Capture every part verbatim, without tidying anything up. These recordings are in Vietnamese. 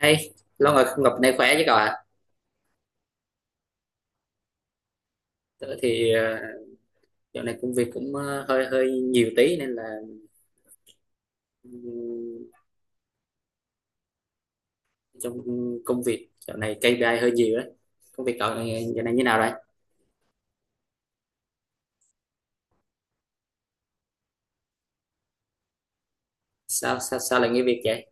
Hey, lâu rồi không gặp, nay khỏe chứ cậu ạ? Tớ thì ờ, dạo này công việc cũng ờ, hơi hơi nhiều tí, nên là ừm, trong công việc dạo này kây pi ai hơi nhiều đấy. Công việc cậu này dạo này như nào rồi? Sao sao sao lại nghỉ việc vậy?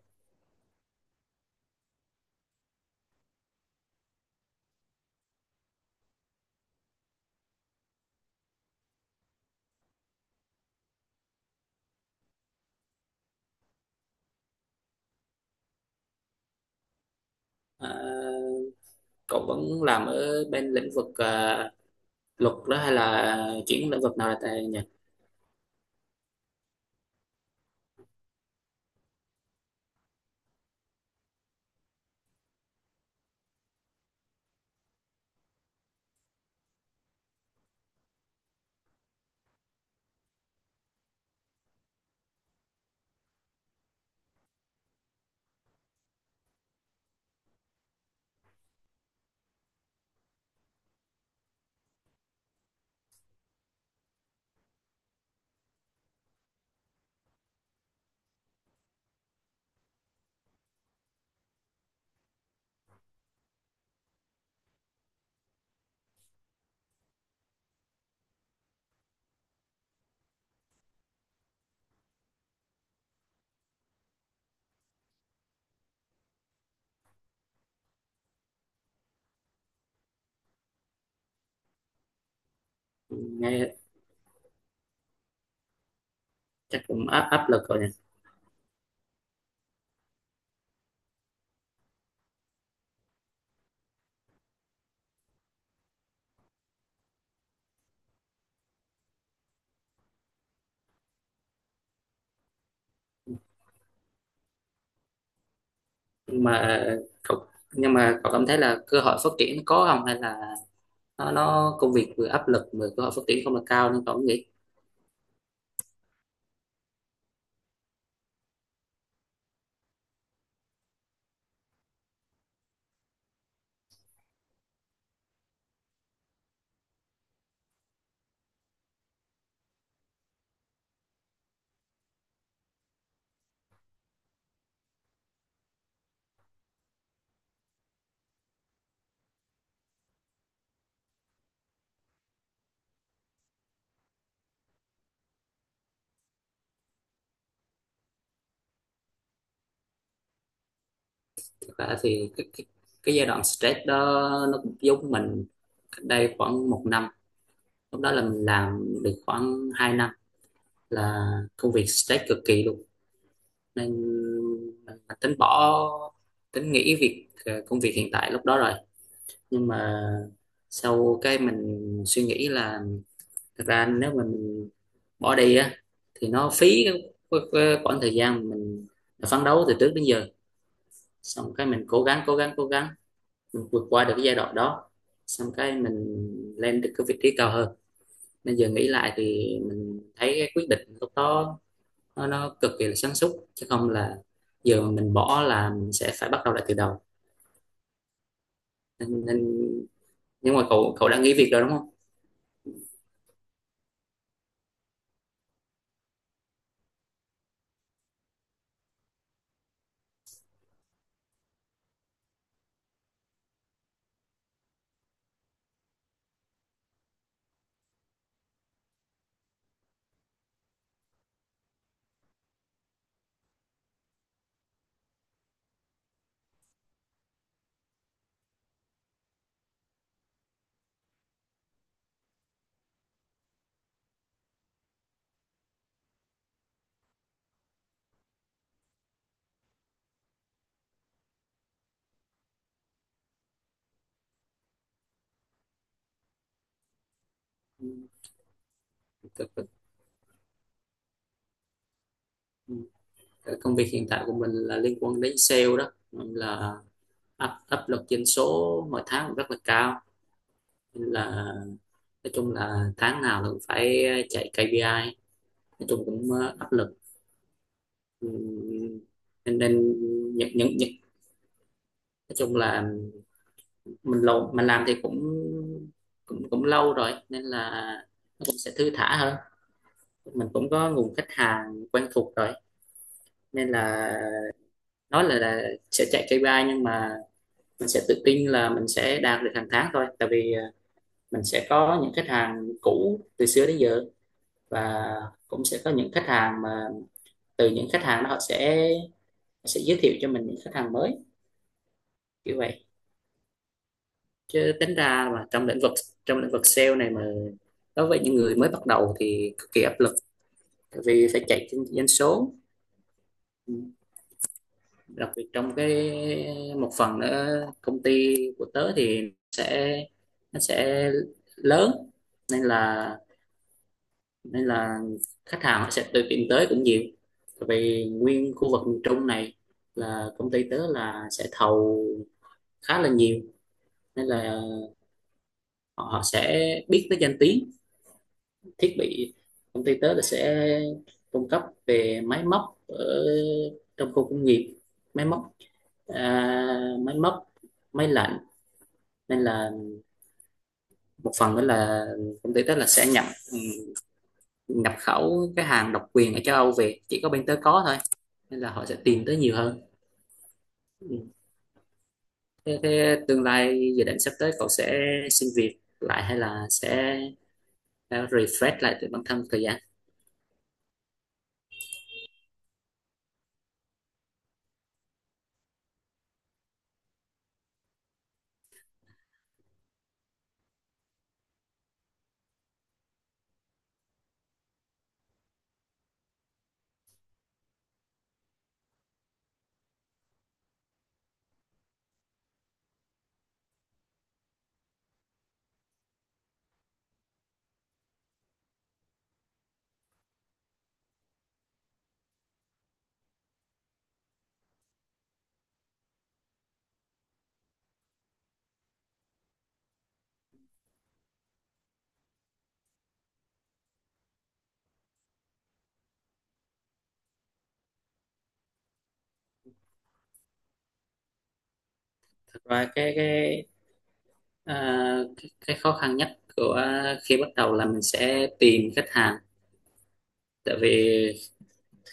Ờ, cậu vẫn làm ở bên lĩnh vực ờ, luật đó, hay là chuyển lĩnh vực nào tại nhỉ? Nghe chắc cũng áp áp lực rồi nhỉ. Nhưng mà cậu nhưng mà cậu cảm thấy là cơ hội phát triển có không, hay là nó, nó công việc vừa áp lực vừa cơ hội phát triển không là cao? Nên tôi cũng nghĩ, thực ra thì cái, cái, cái giai đoạn stress đó nó cũng giống mình cách đây khoảng một năm. Lúc đó là mình làm được khoảng hai năm, là công việc stress cực kỳ luôn, nên mình tính bỏ, tính nghỉ việc ờ, công việc hiện tại lúc đó rồi. Nhưng mà sau cái mình suy nghĩ là, thực ra nếu mình bỏ đi á thì nó phí cái, cái, cái khoảng thời gian mình phấn đấu từ trước đến giờ. Xong cái mình cố gắng cố gắng cố gắng, mình vượt qua được cái giai đoạn đó. Xong cái mình lên được cái vị trí cao hơn. Nên giờ nghĩ lại thì mình thấy cái quyết định lúc đó nó, nó cực kỳ là sáng suốt, chứ không là giờ mà mình bỏ là mình sẽ phải bắt đầu lại từ đầu. Nên, nên nhưng mà cậu cậu đã nghỉ việc rồi đúng không? Ừ, công việc hiện tại của mình là liên quan đến sale đó, là áp áp lực doanh số mỗi tháng cũng rất là cao, nên là nói chung là tháng nào cũng phải chạy kây pi ai, nói chung cũng ờ, áp lực. Ừm, nên nên những những những nói chung là mình lâu mình làm thì cũng cũng cũng lâu rồi, nên là nó cũng sẽ thư thả hơn. Mình cũng có nguồn khách hàng quen thuộc rồi, nên là nói là, là sẽ chạy ca pê i, nhưng mà mình sẽ tự tin là mình sẽ đạt được hàng tháng thôi, tại vì ờ, mình sẽ có những khách hàng cũ từ xưa đến giờ, và cũng sẽ có những khách hàng mà từ những khách hàng đó họ sẽ sẽ giới thiệu cho mình những khách hàng mới, kiểu vậy. Chứ tính ra mà trong lĩnh vực trong lĩnh vực sale này, mà đối với những người mới bắt đầu thì cực kỳ áp lực, tại vì phải chạy trên doanh số. Ừ. Đặc biệt trong cái, một phần nữa, công ty của tớ thì sẽ, nó sẽ lớn, nên là nên là khách hàng họ sẽ tự tìm tới cũng nhiều. Tại vì nguyên khu vực miền Trung này là công ty tớ là sẽ thầu khá là nhiều, nên là họ, họ sẽ biết tới danh tiếng thiết bị. Công ty tớ là sẽ cung cấp về máy móc ở trong khu công nghiệp, máy móc, à, máy móc máy lạnh. Nên là một phần nữa là công ty tớ là sẽ nhập ừ, nhập khẩu cái hàng độc quyền ở châu Âu về, chỉ có bên tớ có thôi, nên là họ sẽ tìm tới nhiều hơn. Ừ. thế, thế tương lai dự định sắp tới cậu sẽ xin việc lại, hay là sẽ ờ, refresh lại từ bản thân thời gian? Thật ra cái cái À, cái, cái khó khăn nhất của khi bắt đầu là mình sẽ tìm khách hàng. Tại vì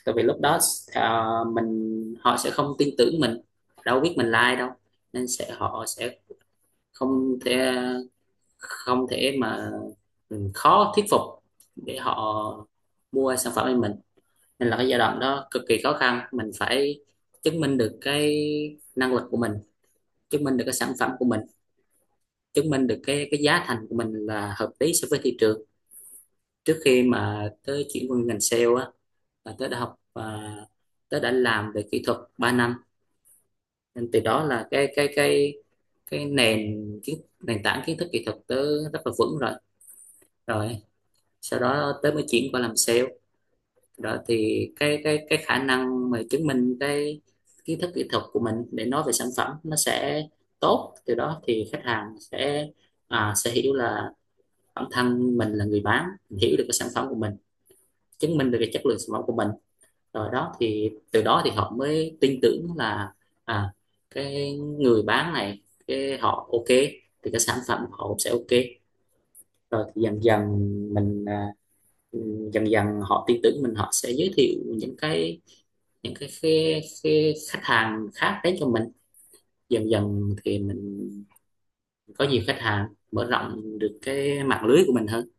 tại vì lúc đó, à, mình họ sẽ không tin tưởng mình, đâu biết mình là ai đâu, nên sẽ họ sẽ không thể, không thể mà ừ, khó thuyết phục để họ mua sản phẩm của mình. Nên là cái giai đoạn đó cực kỳ khó khăn, mình phải chứng minh được cái năng lực của mình, chứng minh được cái sản phẩm của mình, chứng minh được cái cái giá thành của mình là hợp lý so với thị trường. Trước khi mà tớ chuyển qua ngành sale á, là tớ đã học và tớ đã làm về kỹ thuật ba năm, nên từ đó là cái cái cái cái nền, kiến nền tảng kiến thức kỹ thuật tớ rất là vững rồi. Rồi sau đó tớ mới chuyển qua làm sale, đó thì cái cái cái khả năng mà chứng minh cái kiến thức kỹ thuật của mình để nói về sản phẩm nó sẽ tốt. Từ đó thì khách hàng sẽ, à, sẽ hiểu là bản thân mình là người bán, hiểu được cái sản phẩm của mình, chứng minh được cái chất lượng sản phẩm của mình rồi. Đó thì từ đó thì họ mới tin tưởng là, à cái người bán này, cái họ ok thì cái sản phẩm của họ cũng sẽ ok. Rồi thì dần dần mình, à, dần dần họ tin tưởng mình, họ sẽ giới thiệu những cái những cái, cái, cái khách hàng khác đến cho mình. Dần dần thì mình có nhiều khách hàng, mở rộng được cái mạng lưới của mình hơn.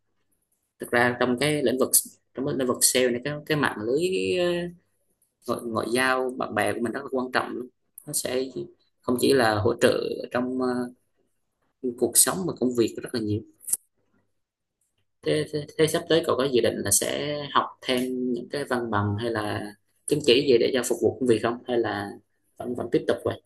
Thực ra trong cái lĩnh vực trong cái lĩnh vực sale này, cái cái mạng lưới ngoại, ngoại giao bạn bè của mình rất là quan trọng luôn, nó sẽ không chỉ là hỗ trợ trong ờ, cuộc sống mà công việc rất là nhiều. Thế, thế, thế sắp tới cậu có dự định là sẽ học thêm những cái văn bằng hay là chứng chỉ gì để cho phục vụ công việc không, hay là vẫn vẫn tiếp tục vậy?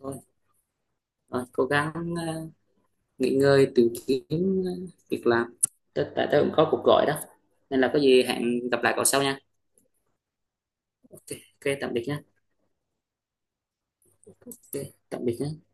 thôi, thôi cố gắng ờ, nghỉ ngơi, tìm kiếm ờ, việc làm. tớ, tại tớ cũng có cuộc gọi đó, nên là có gì hẹn gặp lại cậu sau nha. Ok, ok tạm biệt nha. Ok, tạm biệt nhé.